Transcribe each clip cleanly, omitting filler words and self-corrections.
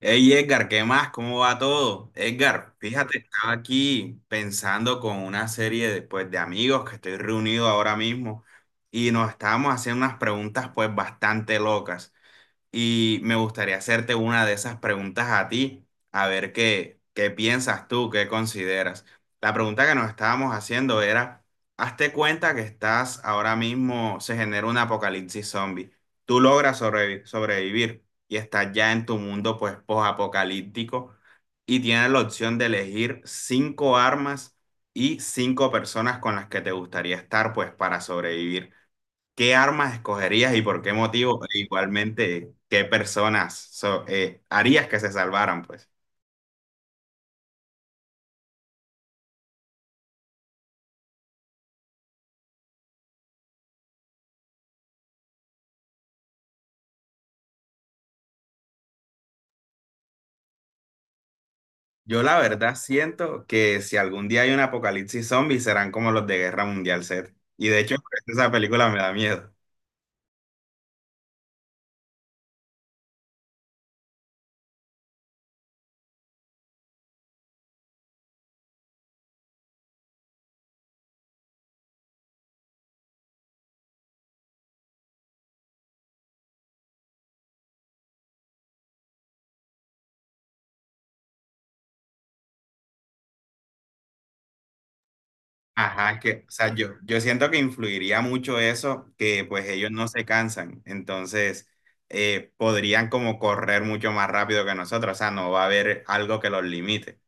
Hey Edgar, ¿qué más? ¿Cómo va todo? Edgar, fíjate, estaba aquí pensando con una serie pues, de amigos que estoy reunido ahora mismo y nos estábamos haciendo unas preguntas pues bastante locas. Y me gustaría hacerte una de esas preguntas a ti, a ver qué piensas tú, qué consideras. La pregunta que nos estábamos haciendo era, hazte cuenta que estás ahora mismo, se genera un apocalipsis zombie. Tú logras sobrevivir y estás ya en tu mundo pues posapocalíptico y tienes la opción de elegir cinco armas y cinco personas con las que te gustaría estar pues para sobrevivir. ¿Qué armas escogerías y por qué motivo? E igualmente, ¿qué personas harías que se salvaran, pues? Yo la verdad siento que si algún día hay un apocalipsis zombie serán como los de Guerra Mundial Z. Y de hecho, por eso esa película me da miedo. Ajá, que, o sea, yo siento que influiría mucho eso, que pues ellos no se cansan, entonces podrían como correr mucho más rápido que nosotros, o sea, no va a haber algo que los limite.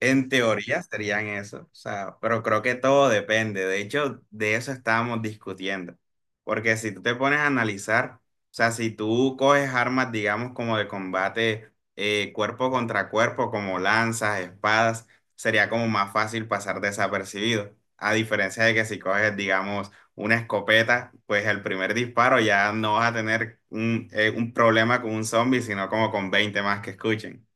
En teoría serían eso, o sea, pero creo que todo depende. De hecho, de eso estábamos discutiendo. Porque si tú te pones a analizar, o sea, si tú coges armas, digamos, como de combate cuerpo contra cuerpo, como lanzas, espadas, sería como más fácil pasar desapercibido. A diferencia de que si coges, digamos, una escopeta, pues el primer disparo ya no vas a tener un problema con un zombie, sino como con 20 más que escuchen.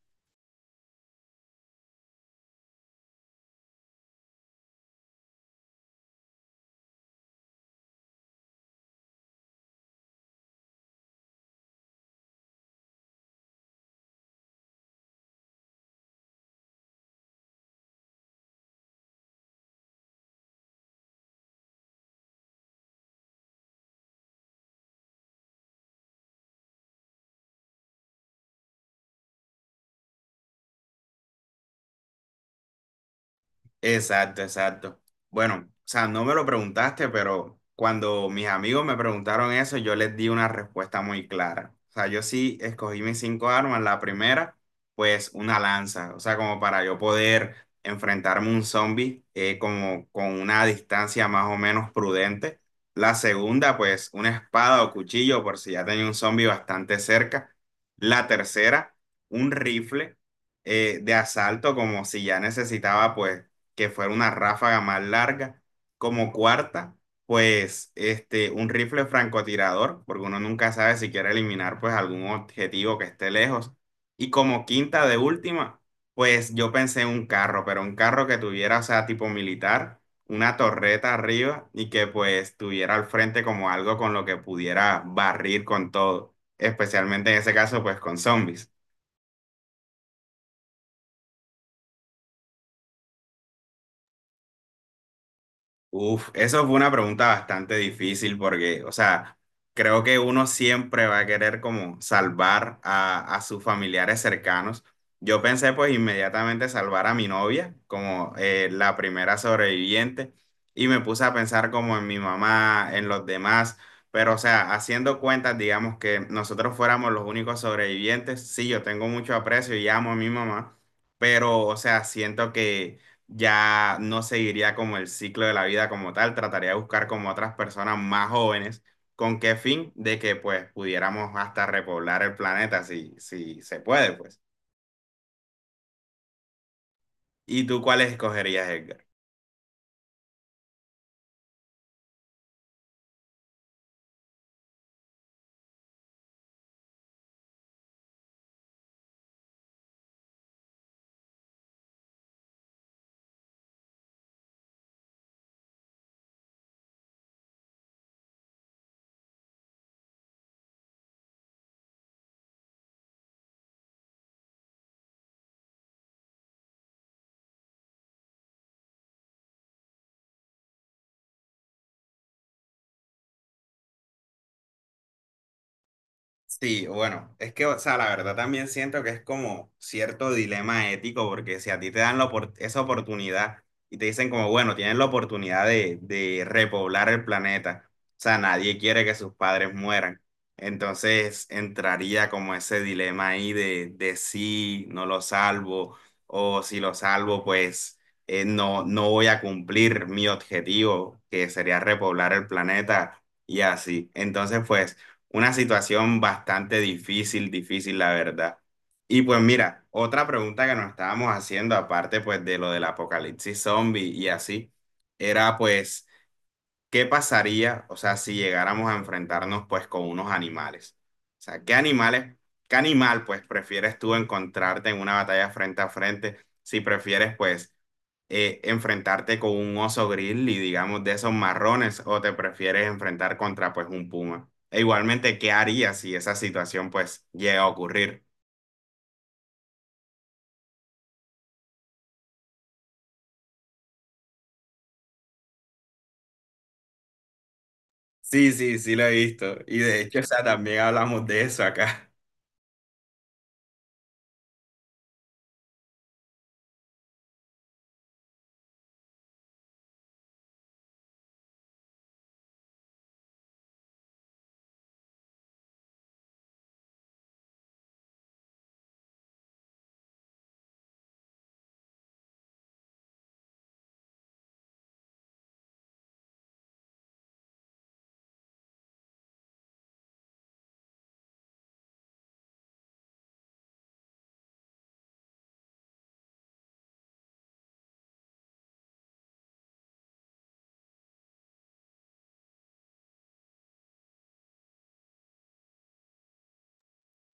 Exacto, exacto. Bueno, o sea, no me lo preguntaste, pero cuando mis amigos me preguntaron eso, yo les di una respuesta muy clara. O sea, yo sí escogí mis cinco armas. La primera, pues una lanza, o sea, como para yo poder enfrentarme a un zombie como con una distancia más o menos prudente. La segunda, pues una espada o cuchillo, por si ya tenía un zombie bastante cerca. La tercera, un rifle de asalto, como si ya necesitaba, pues que fuera una ráfaga más larga. Como cuarta, pues este, un rifle francotirador, porque uno nunca sabe si quiere eliminar pues algún objetivo que esté lejos. Y como quinta de última, pues yo pensé en un carro, pero un carro que tuviera, o sea, tipo militar, una torreta arriba y que pues tuviera al frente como algo con lo que pudiera barrir con todo, especialmente en ese caso pues con zombies. Uf, eso fue una pregunta bastante difícil porque, o sea, creo que uno siempre va a querer como salvar a sus familiares cercanos. Yo pensé pues inmediatamente salvar a mi novia como la primera sobreviviente y me puse a pensar como en mi mamá, en los demás, pero o sea, haciendo cuentas, digamos que nosotros fuéramos los únicos sobrevivientes, sí, yo tengo mucho aprecio y amo a mi mamá, pero o sea, siento que ya no seguiría como el ciclo de la vida como tal, trataría de buscar como otras personas más jóvenes, ¿con qué fin? De que pues pudiéramos hasta repoblar el planeta si se puede, pues. ¿Y tú cuáles escogerías, Edgar? Sí, bueno, es que, o sea, la verdad también siento que es como cierto dilema ético, porque si a ti te dan esa oportunidad y te dicen como, bueno, tienes la oportunidad de repoblar el planeta, o sea, nadie quiere que sus padres mueran. Entonces entraría como ese dilema ahí de si no lo salvo, o si lo salvo, pues no, no voy a cumplir mi objetivo, que sería repoblar el planeta y así. Entonces, pues... Una situación bastante difícil, difícil, la verdad. Y pues mira, otra pregunta que nos estábamos haciendo, aparte pues de lo del apocalipsis zombie y así, era pues... ¿qué pasaría, o sea, si llegáramos a enfrentarnos pues con unos animales? O sea, ¿qué animales, qué animal pues prefieres tú encontrarte en una batalla frente a frente si prefieres pues enfrentarte con un oso grizzly, digamos, de esos marrones o te prefieres enfrentar contra pues un puma? E igualmente, ¿qué harías si esa situación pues llega a ocurrir? Sí, sí, sí lo he visto. Y de hecho, o sea, también hablamos de eso acá.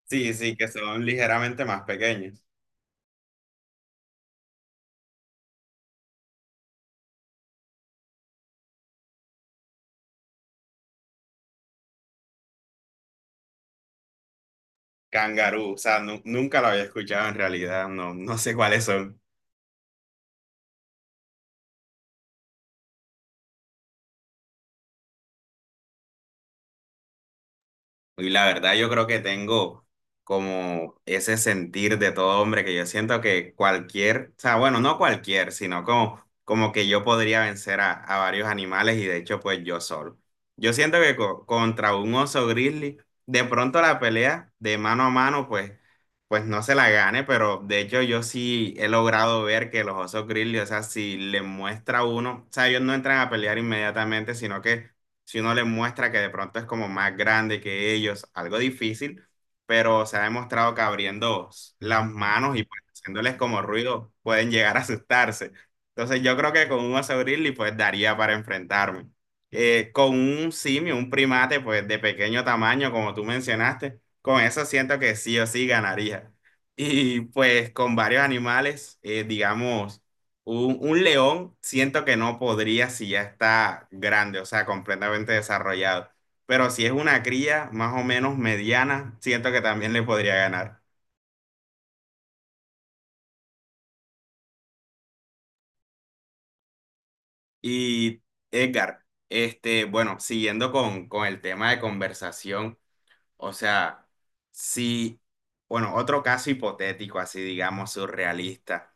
Sí, sí, que son ligeramente más pequeños. Kangaroo, o sea, nunca lo había escuchado en realidad, no, no sé cuáles son. Y la verdad yo creo que tengo como ese sentir de todo hombre que yo siento que cualquier, o sea, bueno, no cualquier, sino como, como que yo podría vencer a varios animales y de hecho pues yo solo. Yo siento que contra un oso grizzly, de pronto la pelea de mano a mano pues, pues no se la gane, pero de hecho yo sí he logrado ver que los osos grizzly, o sea, si le muestra a uno, o sea, ellos no entran a pelear inmediatamente, sino que si uno les muestra que de pronto es como más grande que ellos, algo difícil, pero se ha demostrado que abriendo las manos y pues, haciéndoles como ruido pueden llegar a asustarse. Entonces yo creo que con un oso grizzly pues daría para enfrentarme. Con un simio, un primate pues de pequeño tamaño, como tú mencionaste, con eso siento que sí o sí ganaría. Y pues con varios animales, digamos un león siento que no podría si ya está grande, o sea, completamente desarrollado. Pero si es una cría más o menos mediana, siento que también le podría ganar. Y Edgar, este, bueno, siguiendo con el tema de conversación, o sea, si, bueno, otro caso hipotético, así digamos, surrealista.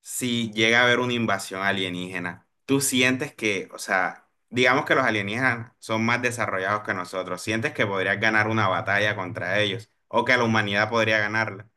Si llega a haber una invasión alienígena, tú sientes que, o sea, digamos que los alienígenas son más desarrollados que nosotros, sientes que podrías ganar una batalla contra ellos o que la humanidad podría ganarla.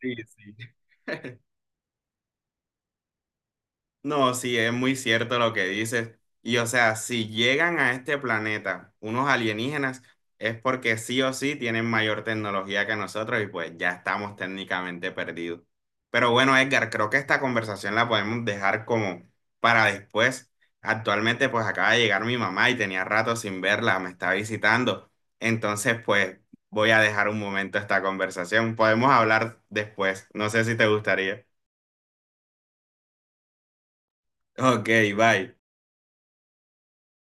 Sí, sí. No, sí, es muy cierto lo que dices. Y o sea, si llegan a este planeta unos alienígenas, es porque sí o sí tienen mayor tecnología que nosotros y pues ya estamos técnicamente perdidos. Pero bueno, Edgar, creo que esta conversación la podemos dejar como para después. Actualmente pues acaba de llegar mi mamá y tenía rato sin verla, me está visitando. Entonces pues voy a dejar un momento esta conversación. Podemos hablar después. No sé si te gustaría. Ok, bye.